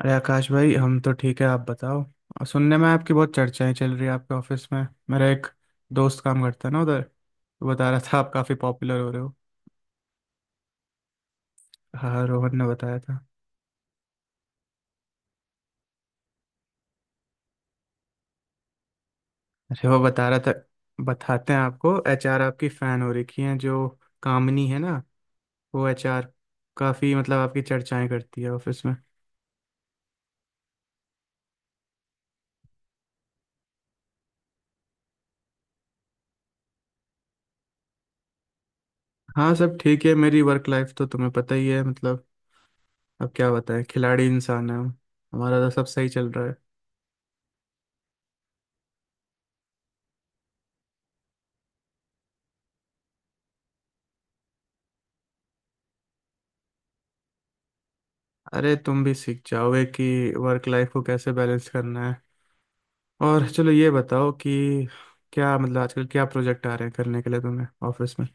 अरे आकाश भाई हम तो ठीक है। आप बताओ। और सुनने में आपकी बहुत चर्चाएं चल रही है आपके ऑफिस में। मेरा एक दोस्त काम करता है ना उधर, वो बता रहा था आप काफ़ी पॉपुलर हो रहे हो। हाँ, रोहन ने बताया था। अरे वो बता रहा था, बताते हैं आपको एचआर आपकी फ़ैन हो रखी हैं जो, कामनी है ना वो एचआर, काफ़ी मतलब आपकी चर्चाएं करती है ऑफिस में। हाँ सब ठीक है। मेरी वर्क लाइफ तो तुम्हें पता ही है मतलब। अब क्या बताएं, खिलाड़ी इंसान है हम, हमारा तो सब सही चल रहा है। अरे तुम भी सीख जाओगे कि वर्क लाइफ को कैसे बैलेंस करना है। और चलो ये बताओ कि क्या मतलब आजकल क्या प्रोजेक्ट आ रहे हैं करने के लिए तुम्हें ऑफिस में।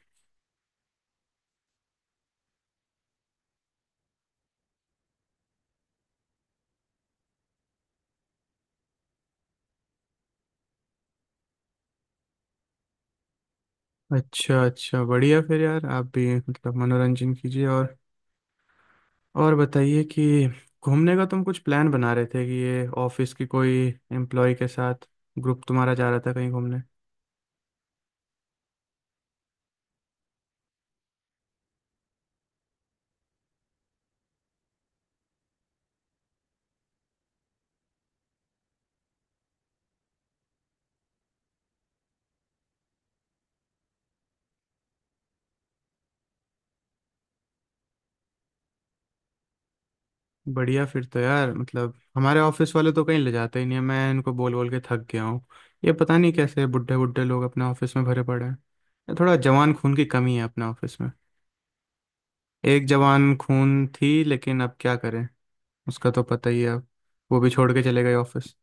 अच्छा अच्छा बढ़िया। फिर यार आप भी मतलब मनोरंजन कीजिए। और बताइए कि घूमने का तुम कुछ प्लान बना रहे थे कि ये ऑफिस की कोई एम्प्लॉय के साथ ग्रुप तुम्हारा जा रहा था कहीं घूमने। बढ़िया। फिर तो यार मतलब हमारे ऑफिस वाले तो कहीं ले जाते ही नहीं है। मैं इनको बोल बोल के थक गया हूँ। ये पता नहीं कैसे बुढ़े बुढ़े लोग अपने ऑफिस में भरे पड़े हैं। ये थोड़ा जवान खून की कमी है अपने ऑफिस में। एक जवान खून थी लेकिन अब क्या करें, उसका तो पता ही है अब, वो भी छोड़ के चले गए ऑफिस।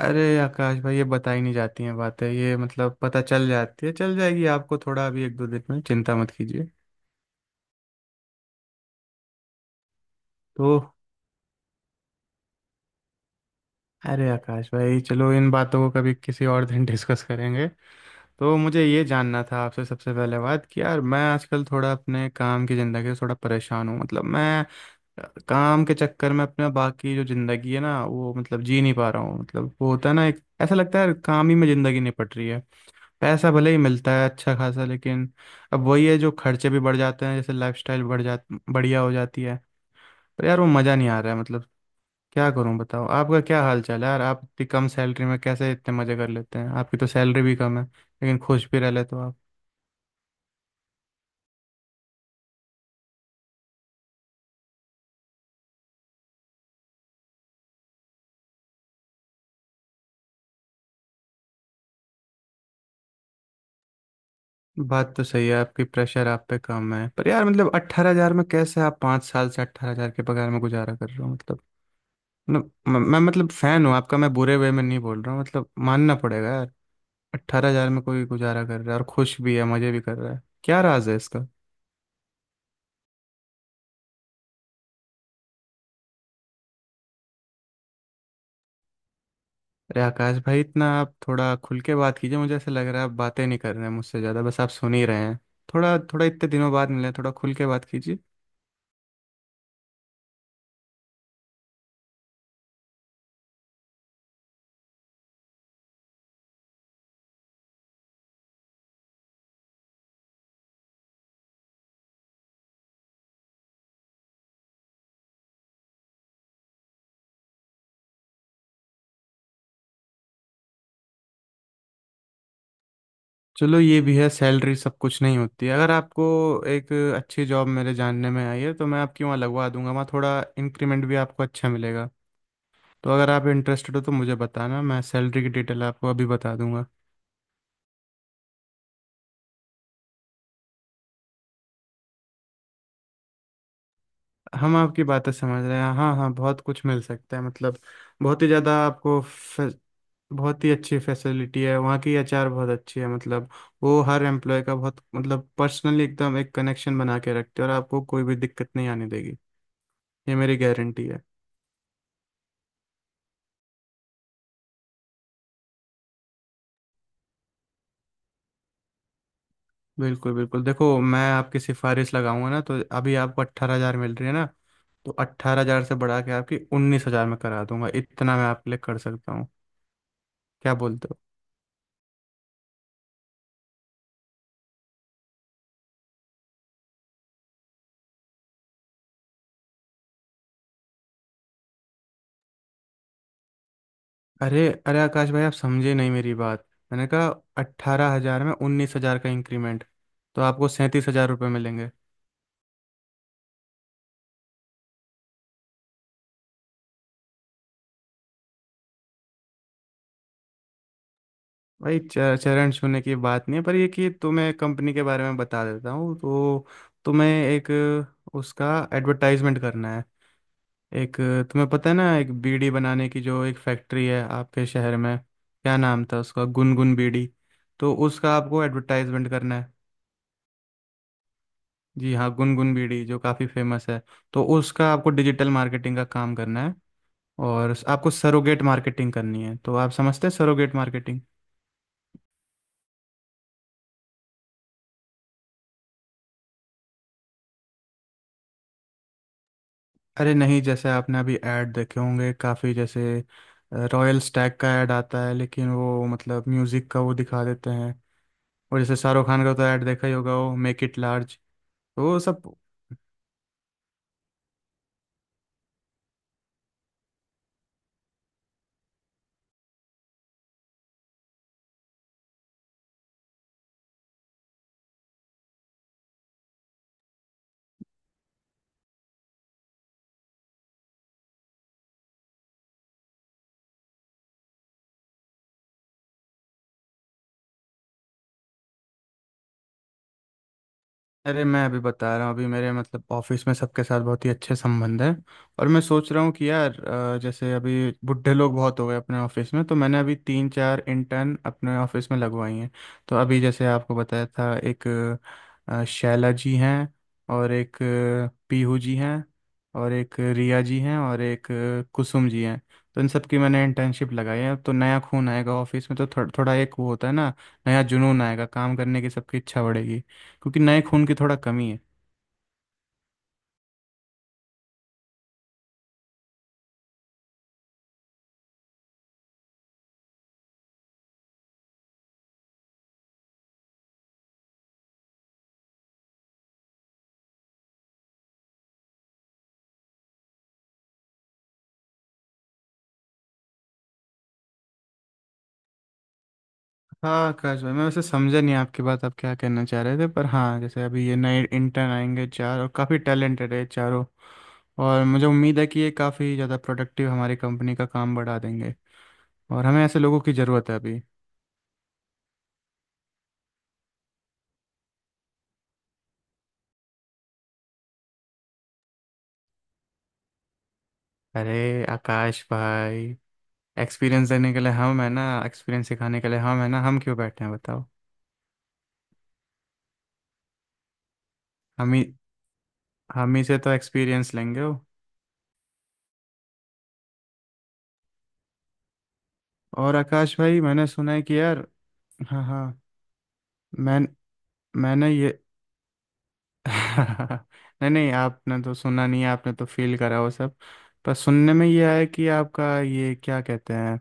अरे आकाश भाई ये बताई नहीं जाती हैं बातें। ये मतलब पता चल जाती है, चल जाएगी आपको थोड़ा अभी 1 2 दिन में। चिंता मत कीजिए। तो अरे आकाश भाई चलो इन बातों को कभी किसी और दिन डिस्कस करेंगे। तो मुझे ये जानना था आपसे सबसे पहले बात कि यार मैं आजकल थोड़ा अपने काम की ज़िंदगी से थोड़ा परेशान हूँ। मतलब मैं अ, काम के चक्कर में अपना बाकी जो ज़िंदगी है ना वो मतलब जी नहीं पा रहा हूँ। मतलब वो होता है ना, एक ऐसा लगता है यार काम ही में ज़िंदगी निपट रही है। पैसा भले ही मिलता है अच्छा खासा, लेकिन अब वही है जो खर्चे भी बढ़ जाते हैं। जैसे लाइफस्टाइल बढ़िया हो जाती है। पर यार वो मज़ा नहीं आ रहा है मतलब। क्या करूं बताओ। आपका क्या हाल चाल है यार? आप इतनी कम सैलरी में कैसे इतने मज़े कर लेते हैं? आपकी तो सैलरी भी कम है लेकिन खुश भी रह लेते हो आप। बात तो सही है आपकी, प्रेशर आप पे कम है। पर यार मतलब 18,000 में कैसे, आप 5 साल से 18,000 के पगार में गुजारा कर रहे हो मतलब। मतलब मैं मतलब फैन हूँ आपका। मैं बुरे वे में नहीं बोल रहा हूँ मतलब, मानना पड़ेगा यार। अट्ठारह हजार में कोई गुजारा कर रहा है और खुश भी है, मजे भी कर रहा है। क्या राज है इसका? अरे आकाश भाई इतना आप थोड़ा खुल के बात कीजिए। मुझे ऐसा लग रहा है आप बातें नहीं कर रहे हैं मुझसे ज़्यादा, बस आप सुन ही रहे हैं। थोड़ा थोड़ा इतने दिनों बाद मिले हैं, थोड़ा खुल के बात कीजिए। चलो ये भी है, सैलरी सब कुछ नहीं होती है। अगर आपको एक अच्छी जॉब मेरे जानने में आई है तो मैं आपकी वहाँ लगवा दूंगा। वहाँ थोड़ा इंक्रीमेंट भी आपको अच्छा मिलेगा। तो अगर आप इंटरेस्टेड हो तो मुझे बताना, मैं सैलरी की डिटेल आपको अभी बता दूंगा। हम आपकी बातें समझ रहे हैं। हाँ हाँ बहुत कुछ मिल सकता है मतलब। बहुत ही ज़्यादा आपको बहुत ही अच्छी फैसिलिटी है वहाँ की। एचआर बहुत अच्छी है मतलब, वो हर एम्प्लॉय का बहुत मतलब पर्सनली एकदम एक कनेक्शन बना के रखते हैं और आपको कोई भी दिक्कत नहीं आने देगी। ये मेरी गारंटी है। बिल्कुल बिल्कुल, देखो मैं आपकी सिफारिश लगाऊंगा ना, तो अभी आपको 18,000 मिल रही है ना, तो 18,000 से बढ़ा के आपकी 19,000 में करा दूंगा। इतना मैं आपके लिए कर सकता हूँ। क्या बोलते हो? अरे अरे आकाश भाई आप समझे नहीं मेरी बात। मैंने कहा 18,000 में 19,000 का इंक्रीमेंट, तो आपको 37,000 रुपये मिलेंगे। भाई चरण छूने की बात नहीं है। पर ये कि तुम्हें कंपनी के बारे में बता देता हूँ तो तुम्हें एक उसका एडवर्टाइजमेंट करना है। एक, तुम्हें पता है ना एक बीड़ी बनाने की जो एक फैक्ट्री है आपके शहर में, क्या नाम था उसका, गुनगुन बीड़ी। तो उसका आपको एडवर्टाइजमेंट करना है। जी हाँ, गुनगुन बीड़ी जो काफ़ी फेमस है, तो उसका आपको डिजिटल मार्केटिंग का काम करना है और आपको सरोगेट मार्केटिंग करनी है। तो आप समझते हैं सरोगेट मार्केटिंग? अरे नहीं, जैसे आपने अभी ऐड देखे होंगे काफ़ी, जैसे रॉयल स्टैग का ऐड आता है लेकिन वो मतलब म्यूज़िक का वो दिखा देते हैं। और जैसे शाहरुख खान का तो ऐड देखा ही होगा, वो मेक इट लार्ज। तो वो सब। अरे मैं अभी बता रहा हूँ। अभी मेरे मतलब ऑफिस में सबके साथ बहुत ही अच्छे संबंध हैं। और मैं सोच रहा हूँ कि यार जैसे अभी बुढ़े लोग बहुत हो गए अपने ऑफिस में, तो मैंने अभी 3 4 इंटर्न अपने ऑफिस में लगवाई हैं। तो अभी जैसे आपको बताया था, एक शैला जी हैं, और एक पीहू जी हैं, और एक रिया जी हैं, और एक कुसुम जी हैं। तो इन सब की मैंने इंटर्नशिप लगाई है। तो नया खून आएगा ऑफिस में, तो थोड़ा थोड़ा एक वो होता है ना, नया जुनून आएगा, काम करने की सबकी इच्छा बढ़ेगी, क्योंकि नए खून की थोड़ा कमी है। हाँ आकाश भाई मैं वैसे समझा नहीं आपकी बात, आप क्या कहना चाह रहे थे। पर हाँ जैसे अभी ये नए इंटर्न आएंगे चार, और काफ़ी टैलेंटेड है चारों। और मुझे उम्मीद है कि ये काफ़ी ज़्यादा प्रोडक्टिव हमारी कंपनी का काम बढ़ा देंगे। और हमें ऐसे लोगों की ज़रूरत है अभी। अरे आकाश भाई, एक्सपीरियंस देने के लिए हम है ना, एक्सपीरियंस सिखाने के लिए हम है ना, हम क्यों बैठे हैं बताओ। हम ही हम ही से तो एक्सपीरियंस लेंगे वो। और आकाश भाई मैंने सुना है कि यार, हाँ हाँ, मैं मैंने ये नहीं नहीं आपने तो सुना नहीं है, आपने तो फील करा वो सब। पर सुनने में ये आया कि आपका ये क्या कहते हैं,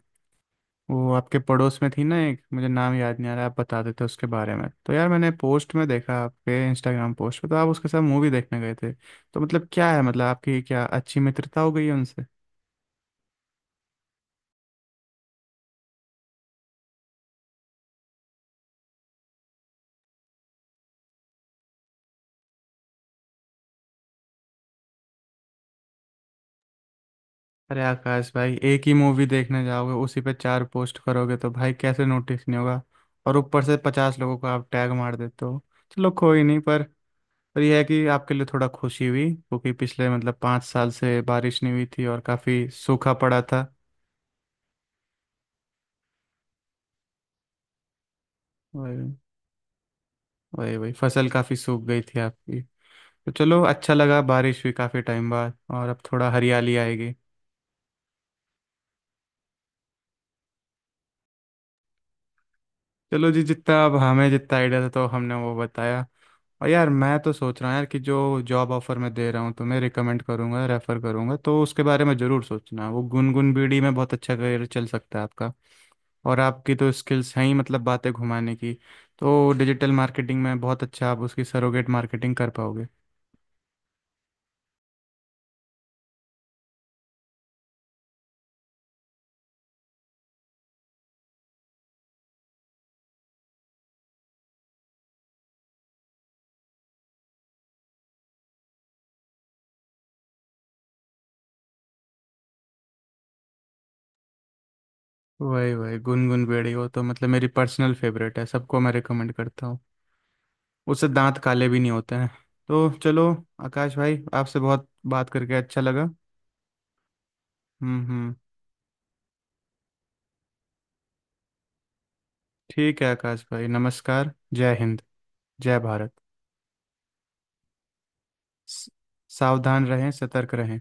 वो आपके पड़ोस में थी ना एक, मुझे नाम याद नहीं आ रहा, आप बता देते उसके बारे में। तो यार मैंने पोस्ट में देखा, आपके इंस्टाग्राम पोस्ट पे, तो आप उसके साथ मूवी देखने गए थे। तो मतलब क्या है मतलब आपकी क्या अच्छी मित्रता हो गई है उनसे? अरे आकाश भाई, एक ही मूवी देखने जाओगे उसी पे 4 पोस्ट करोगे तो भाई कैसे नोटिस नहीं होगा। और ऊपर से 50 लोगों को आप टैग मार देते हो। चलो कोई नहीं, पर पर यह है कि आपके लिए थोड़ा खुशी हुई, क्योंकि पिछले मतलब 5 साल से बारिश नहीं हुई थी और काफ़ी सूखा पड़ा था। वही वही वही फसल काफ़ी सूख गई थी आपकी। तो चलो अच्छा लगा, बारिश हुई काफ़ी टाइम बाद, और अब थोड़ा हरियाली आएगी। चलो जी, जितना अब हमें जितना आइडिया था तो हमने वो बताया। और यार मैं तो सोच रहा हूँ यार कि जो जॉब ऑफर मैं दे रहा हूँ तुम्हें, रिकमेंड करूँगा रेफ़र करूँगा, तो उसके बारे में ज़रूर सोचना। वो गुनगुन बीड़ी में बहुत अच्छा करियर चल सकता है आपका। और आपकी तो स्किल्स हैं ही मतलब बातें घुमाने की, तो डिजिटल मार्केटिंग में बहुत अच्छा आप उसकी सरोगेट मार्केटिंग कर पाओगे। वही वही गुनगुन बेड़ी, वो तो मतलब मेरी पर्सनल फेवरेट है, सबको मैं रिकमेंड करता हूँ। उससे दांत काले भी नहीं होते हैं। तो चलो आकाश भाई, आपसे बहुत बात करके अच्छा लगा। हम्म। ठीक है आकाश भाई, नमस्कार जय हिंद जय भारत। स- सावधान रहें, सतर्क रहें।